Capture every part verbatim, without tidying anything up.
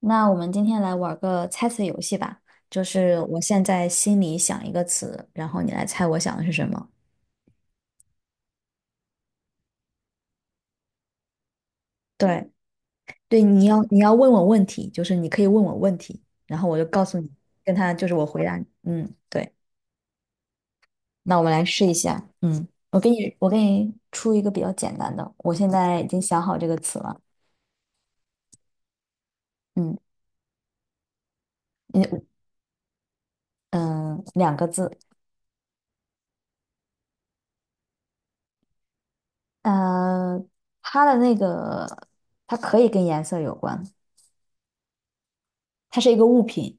那我们今天来玩个猜词游戏吧，就是我现在心里想一个词，然后你来猜我想的是什么。对，对，你要你要问我问题，就是你可以问我问题，然后我就告诉你，跟他就是我回答你。嗯，对。那我们来试一下。嗯，我给你我给你出一个比较简单的，我现在已经想好这个词了。嗯，你嗯，两个字。呃，它的那个它可以跟颜色有关，它是一个物品。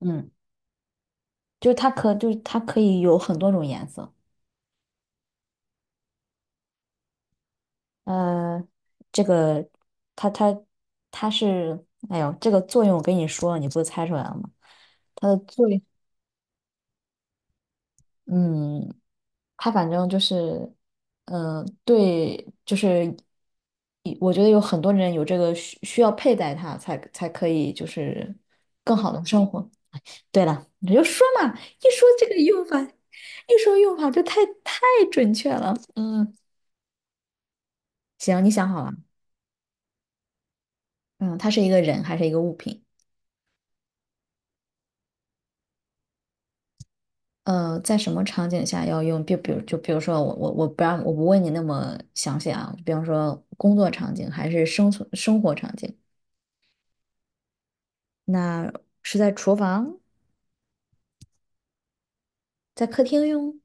嗯。就是它可就是它可以有很多种颜色。呃，这个它它它是，哎呦，这个作用我跟你说了，你不是猜出来了吗？它的作用，嗯，它反正就是，嗯、对，就是一我觉得有很多人有这个需需要佩戴它才才可以，就是更好的生活。对了，你就说嘛，一说这个用法，一说用法就太太准确了。嗯，行，你想好了。嗯，它是一个人还是一个物品？呃，在什么场景下要用？比比如，就比如说我我我不让我不问你那么详细啊，比方说工作场景还是生存生活场景？那是在厨房，在客厅用，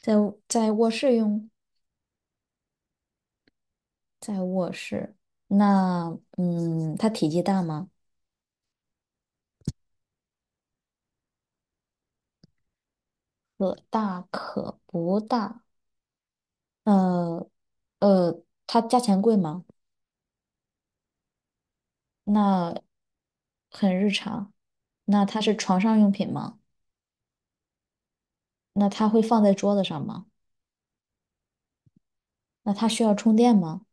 在在卧室用，在卧室。那嗯，它体积大吗？可大可不大。呃呃，它价钱贵吗？那很日常。那它是床上用品吗？那它会放在桌子上吗？那它需要充电吗？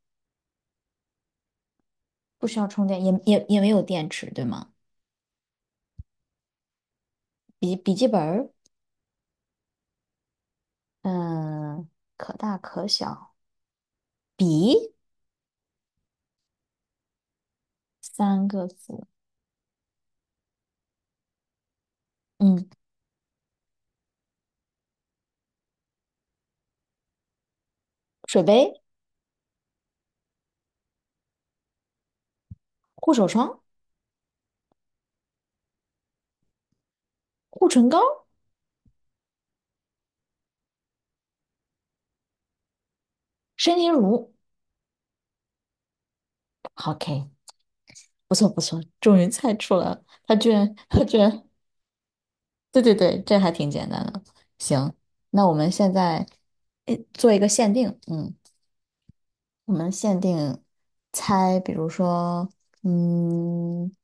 不需要充电，也也也没有电池，对吗？笔笔记本儿，嗯，可大可小，笔，嗯，水杯，护手霜，护唇膏，身体乳。OK，不错不错，终于猜出来了。他居然，他居然，对对对，这还挺简单的。行，那我们现在诶做一个限定，嗯。我们限定猜，比如说，嗯，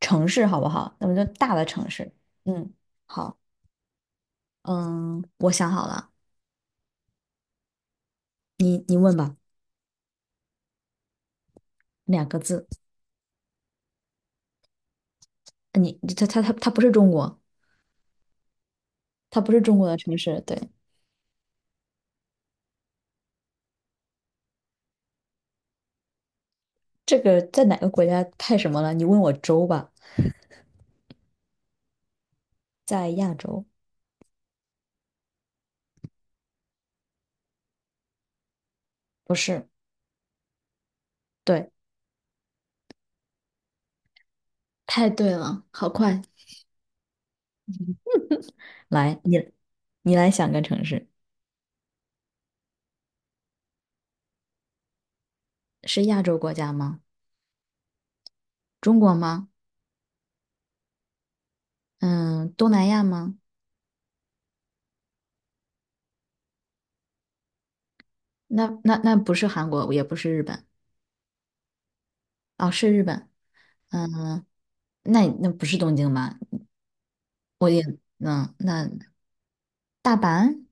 城市好不好？那么就大的城市。嗯，好，嗯，我想好了，你你问吧，两个字。呃你它它它它不是中国，它不是中国的城市。对，这个在哪个国家太什么了？你问我州吧，在亚洲，不是。对，太对了，好快。来，你你来想个城市，是亚洲国家吗？中国吗？嗯，东南亚吗？那那那不是韩国，也不是日本，哦，是日本，嗯，那那不是东京吧？我也，嗯，那大阪、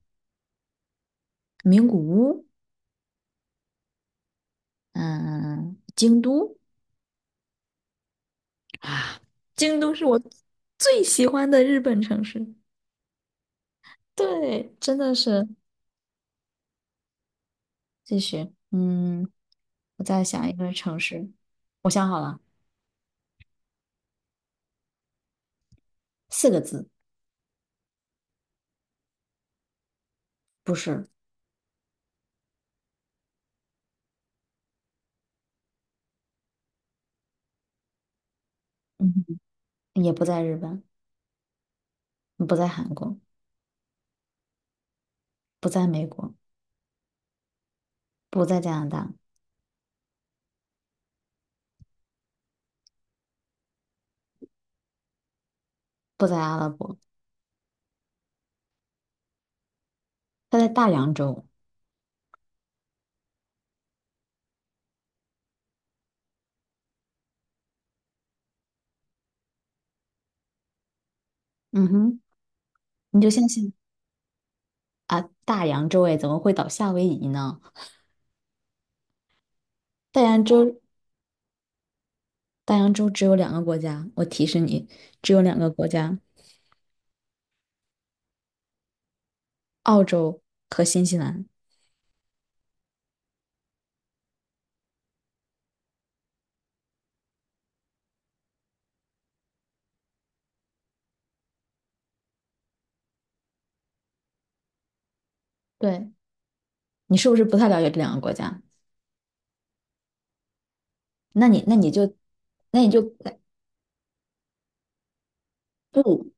名古屋，嗯，京都，啊，京都是我最喜欢的日本城市。对，真的是。继续，嗯，我再想一个城市，我想好了，四个字，不是，嗯，也不在日本，不在韩国，不在美国，不在加拿大，不在阿拉伯。它在大洋洲，嗯哼，你就相信啊，大洋洲哎，怎么会倒夏威夷呢？大洋洲，大洋洲只有两个国家，我提示你，只有两个国家，澳洲和新西兰。对，你是不是不太了解这两个国家？那你那你就，那你就不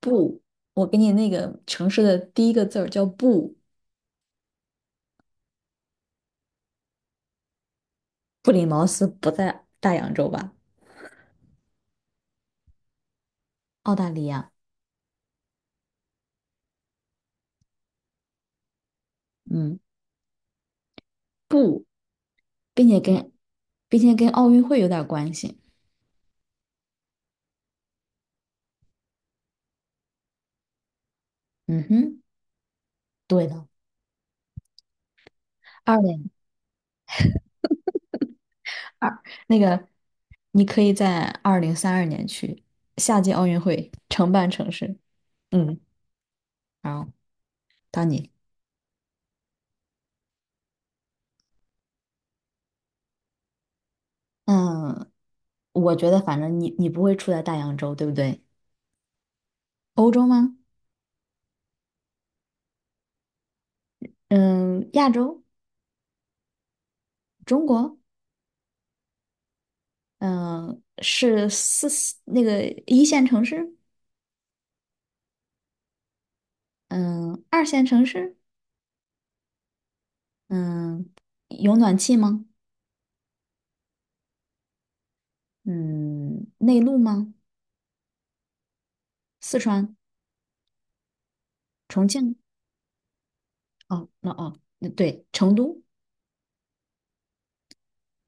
不，我给你那个城市的第一个字儿叫不，布里茅斯不在大洋洲吧？澳大利亚，嗯，不，并且跟并且跟奥运会有点关系。嗯哼。对的，二零二那个，你可以在二零三二年去夏季奥运会承办城市。嗯，好，到你。嗯，我觉得反正你你不会出在大洋洲，对不对？欧洲吗？嗯，亚洲，中国，嗯，是四四那个一线城市，嗯，二线城市，嗯，有暖气吗？嗯，内陆吗？四川、重庆？哦，那哦，那对，成都。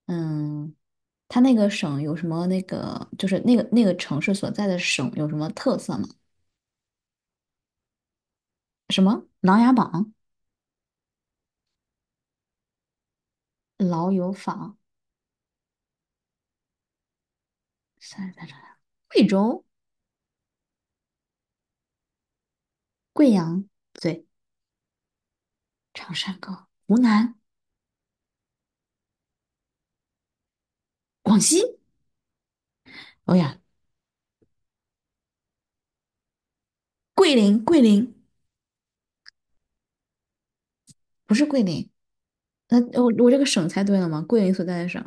嗯，它那个省有什么那个，就是那个那个城市所在的省有什么特色吗？什么琅琊榜、老友坊、三十三长沙、贵州、贵阳，对，长山高、湖南、广西，哦呀，桂林，桂林不是桂林，那我我这个省猜对了吗？桂林所在的省，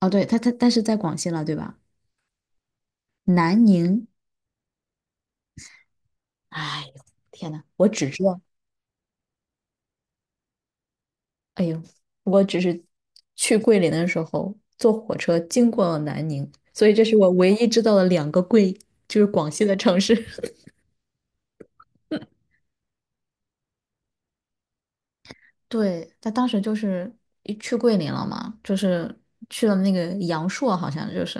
哦，对，它它但是在广西了，对吧？南宁，哎呦，天呐，我只知道。哎呦，我只是去桂林的时候坐火车经过了南宁，所以这是我唯一知道的两个桂，就是广西的城市。对，他当时就是一去桂林了嘛，就是去了那个阳朔，好像就是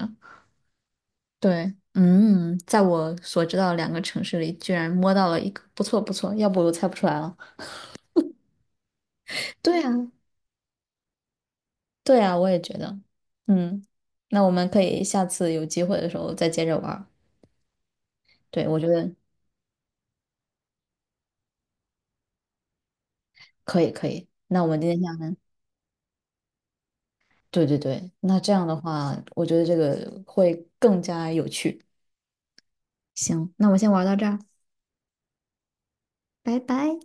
对，嗯，在我所知道的两个城市里，居然摸到了一个不错不错，要不我猜不出来了。对啊，对啊，我也觉得，嗯，那我们可以下次有机会的时候再接着玩儿对，我觉得可以可以，那我们今天下班。对对对，那这样的话，我觉得这个会更加有趣。行，那我们先玩到这儿，拜拜。